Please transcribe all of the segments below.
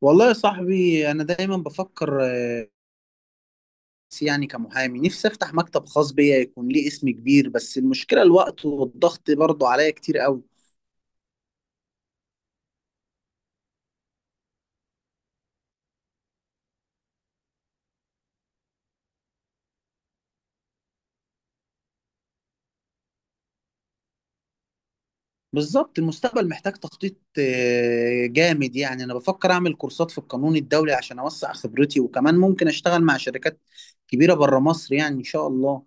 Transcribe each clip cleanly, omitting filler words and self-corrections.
والله يا صاحبي انا دايما بفكر بس يعني كمحامي نفسي افتح مكتب خاص بيا يكون ليه اسم كبير، بس المشكله الوقت والضغط برضه عليا كتير قوي. بالظبط المستقبل محتاج تخطيط جامد، يعني انا بفكر اعمل كورسات في القانون الدولي عشان اوسع خبرتي، وكمان ممكن اشتغل مع شركات كبيره بره مصر، يعني ان شاء الله.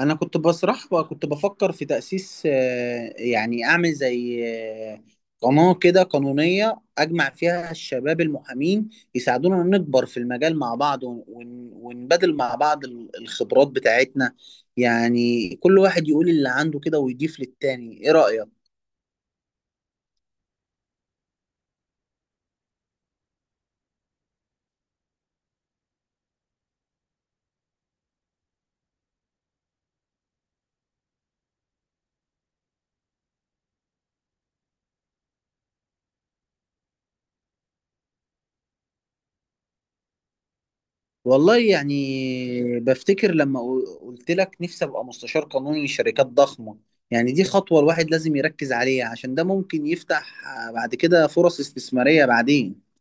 انا كنت بسرح وكنت بفكر في تأسيس، يعني اعمل زي آه، قناة كده قانونية اجمع فيها الشباب المحامين يساعدونا نكبر في المجال مع بعض، ونبادل مع بعض الخبرات بتاعتنا. يعني كل واحد يقول اللي عنده كده ويضيف للتاني، ايه رأيك؟ والله يعني بفتكر لما قلت لك نفسي ابقى مستشار قانوني لشركات ضخمة. يعني دي خطوة الواحد لازم يركز عليها، عشان ده ممكن يفتح بعد كده فرص استثمارية بعدين.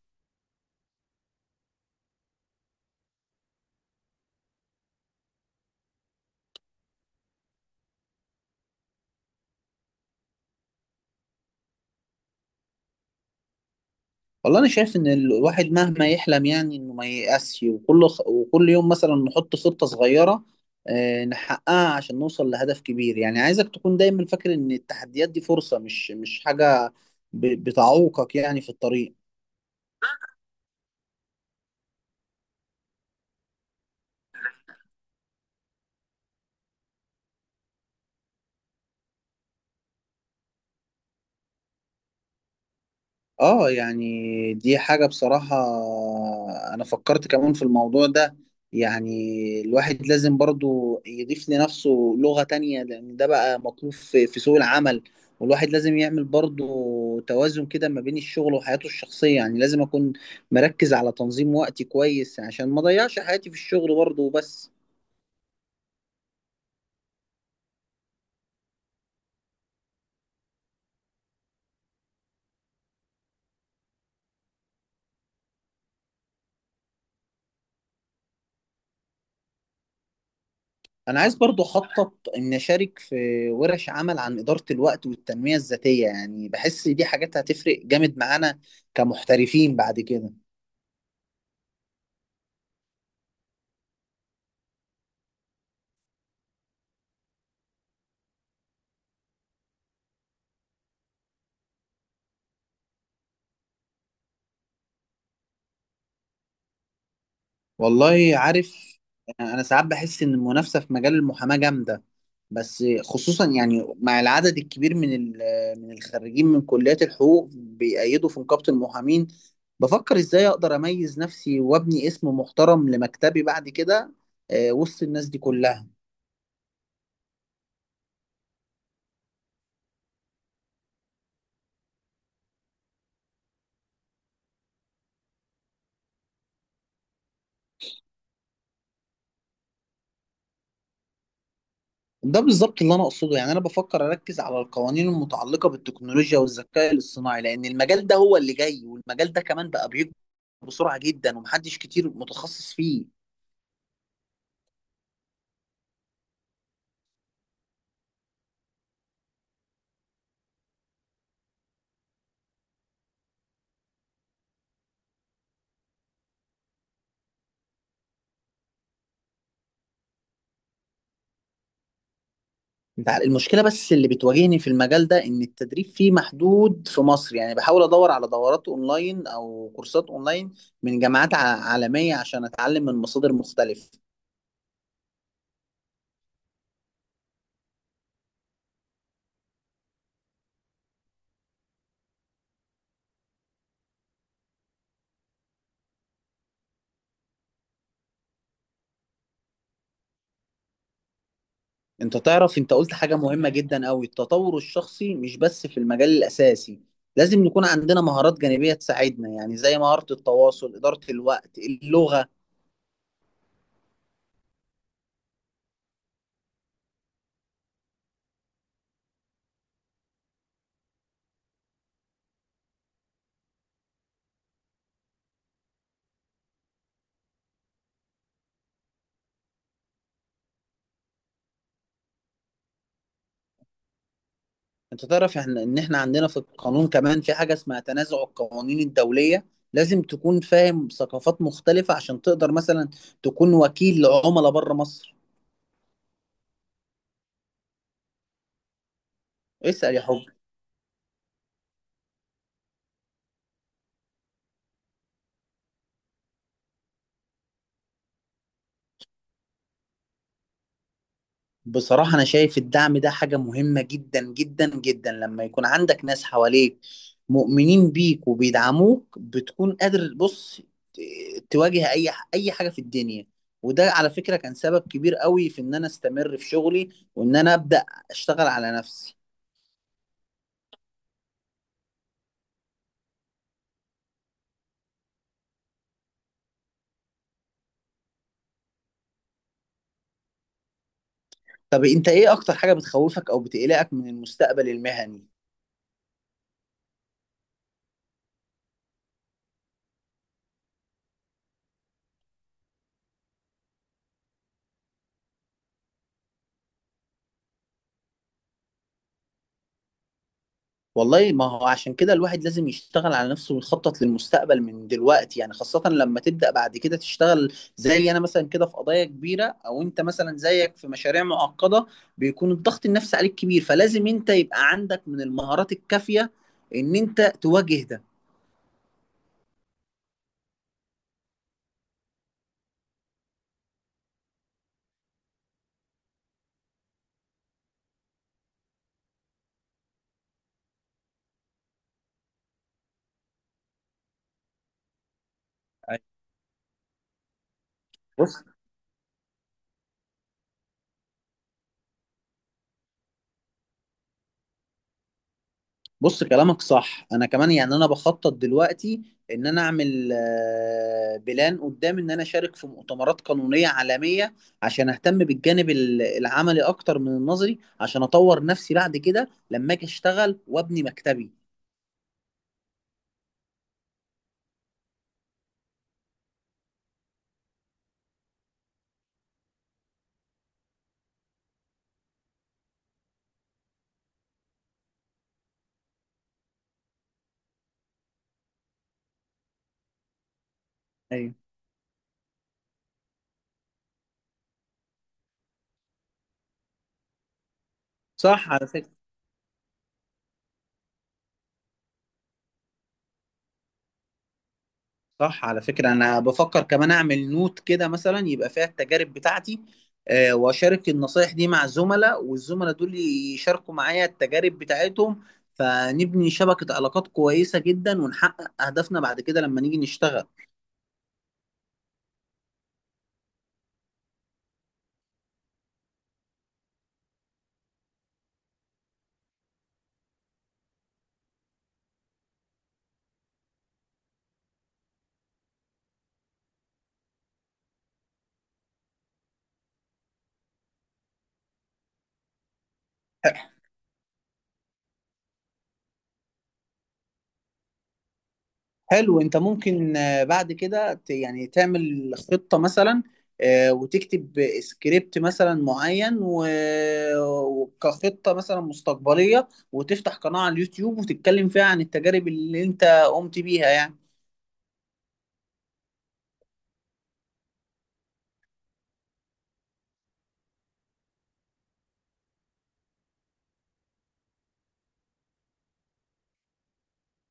والله انا شايف ان الواحد مهما يحلم يعني انه ما ييأسش، وكل يوم مثلا نحط خطة صغيرة نحققها عشان نوصل لهدف كبير. يعني عايزك تكون دايما فاكر ان التحديات دي فرصة، مش حاجة بتعوقك يعني في الطريق. اه يعني دي حاجة بصراحة انا فكرت كمان في الموضوع ده. يعني الواحد لازم برضو يضيف لنفسه لغة تانية، لان ده بقى مطلوب في سوق العمل. والواحد لازم يعمل برضو توازن كده ما بين الشغل وحياته الشخصية. يعني لازم اكون مركز على تنظيم وقتي كويس عشان ما اضيعش حياتي في الشغل برضو بس. انا عايز برضو اخطط ان اشارك في ورش عمل عن ادارة الوقت والتنمية الذاتية، يعني بحس دي حاجات هتفرق جامد معانا كمحترفين بعد كده. والله عارف، انا ساعات بحس ان المنافسة في مجال المحاماة جامدة بس، خصوصا يعني مع العدد الكبير من من الخريجين من كليات الحقوق بيأيدوا في نقابة المحامين. بفكر ازاي اقدر اميز نفسي وابني اسم محترم لمكتبي بعد كده، وسط الناس دي كلها. ده بالظبط اللي انا اقصده. يعني انا بفكر اركز على القوانين المتعلقه بالتكنولوجيا والذكاء الاصطناعي، لان المجال ده هو اللي جاي، والمجال ده كمان بقى بيكبر بسرعه جدا ومحدش كتير متخصص فيه. المشكله بس اللي بتواجهني في المجال ده ان التدريب فيه محدود في مصر. يعني بحاول ادور على دورات اونلاين او كورسات اونلاين من جامعات عالميه عشان اتعلم من مصادر مختلفه. انت تعرف، انت قلت حاجة مهمة جدا قوي التطور الشخصي مش بس في المجال الأساسي لازم يكون عندنا مهارات جانبية تساعدنا يعني زي مهارة التواصل إدارة الوقت اللغة انت تعرف احنا ان احنا عندنا في القانون كمان في حاجة اسمها تنازع القوانين الدولية، لازم تكون فاهم ثقافات مختلفة عشان تقدر مثلا تكون وكيل لعملاء بره مصر. اسأل يا حب. بصراحة أنا شايف الدعم ده حاجة مهمة جدا جدا جدا. لما يكون عندك ناس حواليك مؤمنين بيك وبيدعموك بتكون قادر بص ت- تواجه أي أي حاجة في الدنيا. وده على فكرة كان سبب كبير قوي في إن أنا أستمر في شغلي، وإن أنا أبدأ أشتغل على نفسي. طب أنت إيه أكتر حاجة بتخوفك أو بتقلقك من المستقبل المهني؟ والله ما هو عشان كده الواحد لازم يشتغل على نفسه ويخطط للمستقبل من دلوقتي. يعني خاصة لما تبدأ بعد كده تشتغل زي أنا مثلا كده في قضايا كبيرة، أو أنت مثلا زيك في مشاريع معقدة، بيكون الضغط النفسي عليك كبير، فلازم أنت يبقى عندك من المهارات الكافية إن أنت تواجه ده. أيوة. بص. كلامك صح. انا كمان يعني انا بخطط دلوقتي ان انا اعمل بلان قدام، ان انا اشارك في مؤتمرات قانونية عالمية عشان اهتم بالجانب العملي اكتر من النظري، عشان اطور نفسي بعد كده لما اجي اشتغل وابني مكتبي. ايوه. صح على فكرة صح على فكرة، أنا بفكر كمان أعمل نوت كده مثلا يبقى فيها التجارب بتاعتي وأشارك النصايح دي مع الزملاء، والزملاء دول يشاركوا معايا التجارب بتاعتهم، فنبني شبكة علاقات كويسة جدا، ونحقق أهدافنا بعد كده لما نيجي نشتغل. حلو. انت ممكن بعد كده يعني تعمل خطة مثلا وتكتب سكريبت مثلا معين، وكخطة مثلا مستقبلية، وتفتح قناة على اليوتيوب وتتكلم فيها عن التجارب اللي انت قمت بيها يعني.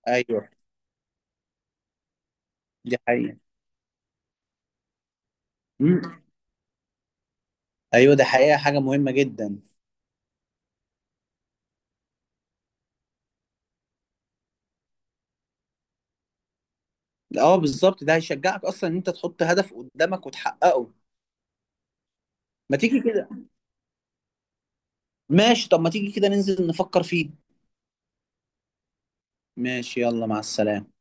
ايوه دي حقيقة. مم. ايوه ده حقيقة حاجة مهمة جدا. اه بالظبط، ده هيشجعك اصلا ان انت تحط هدف قدامك وتحققه. ما تيجي كده. ماشي، طب ما تيجي كده ننزل نفكر فيه. ماشي، يلا مع السلامة.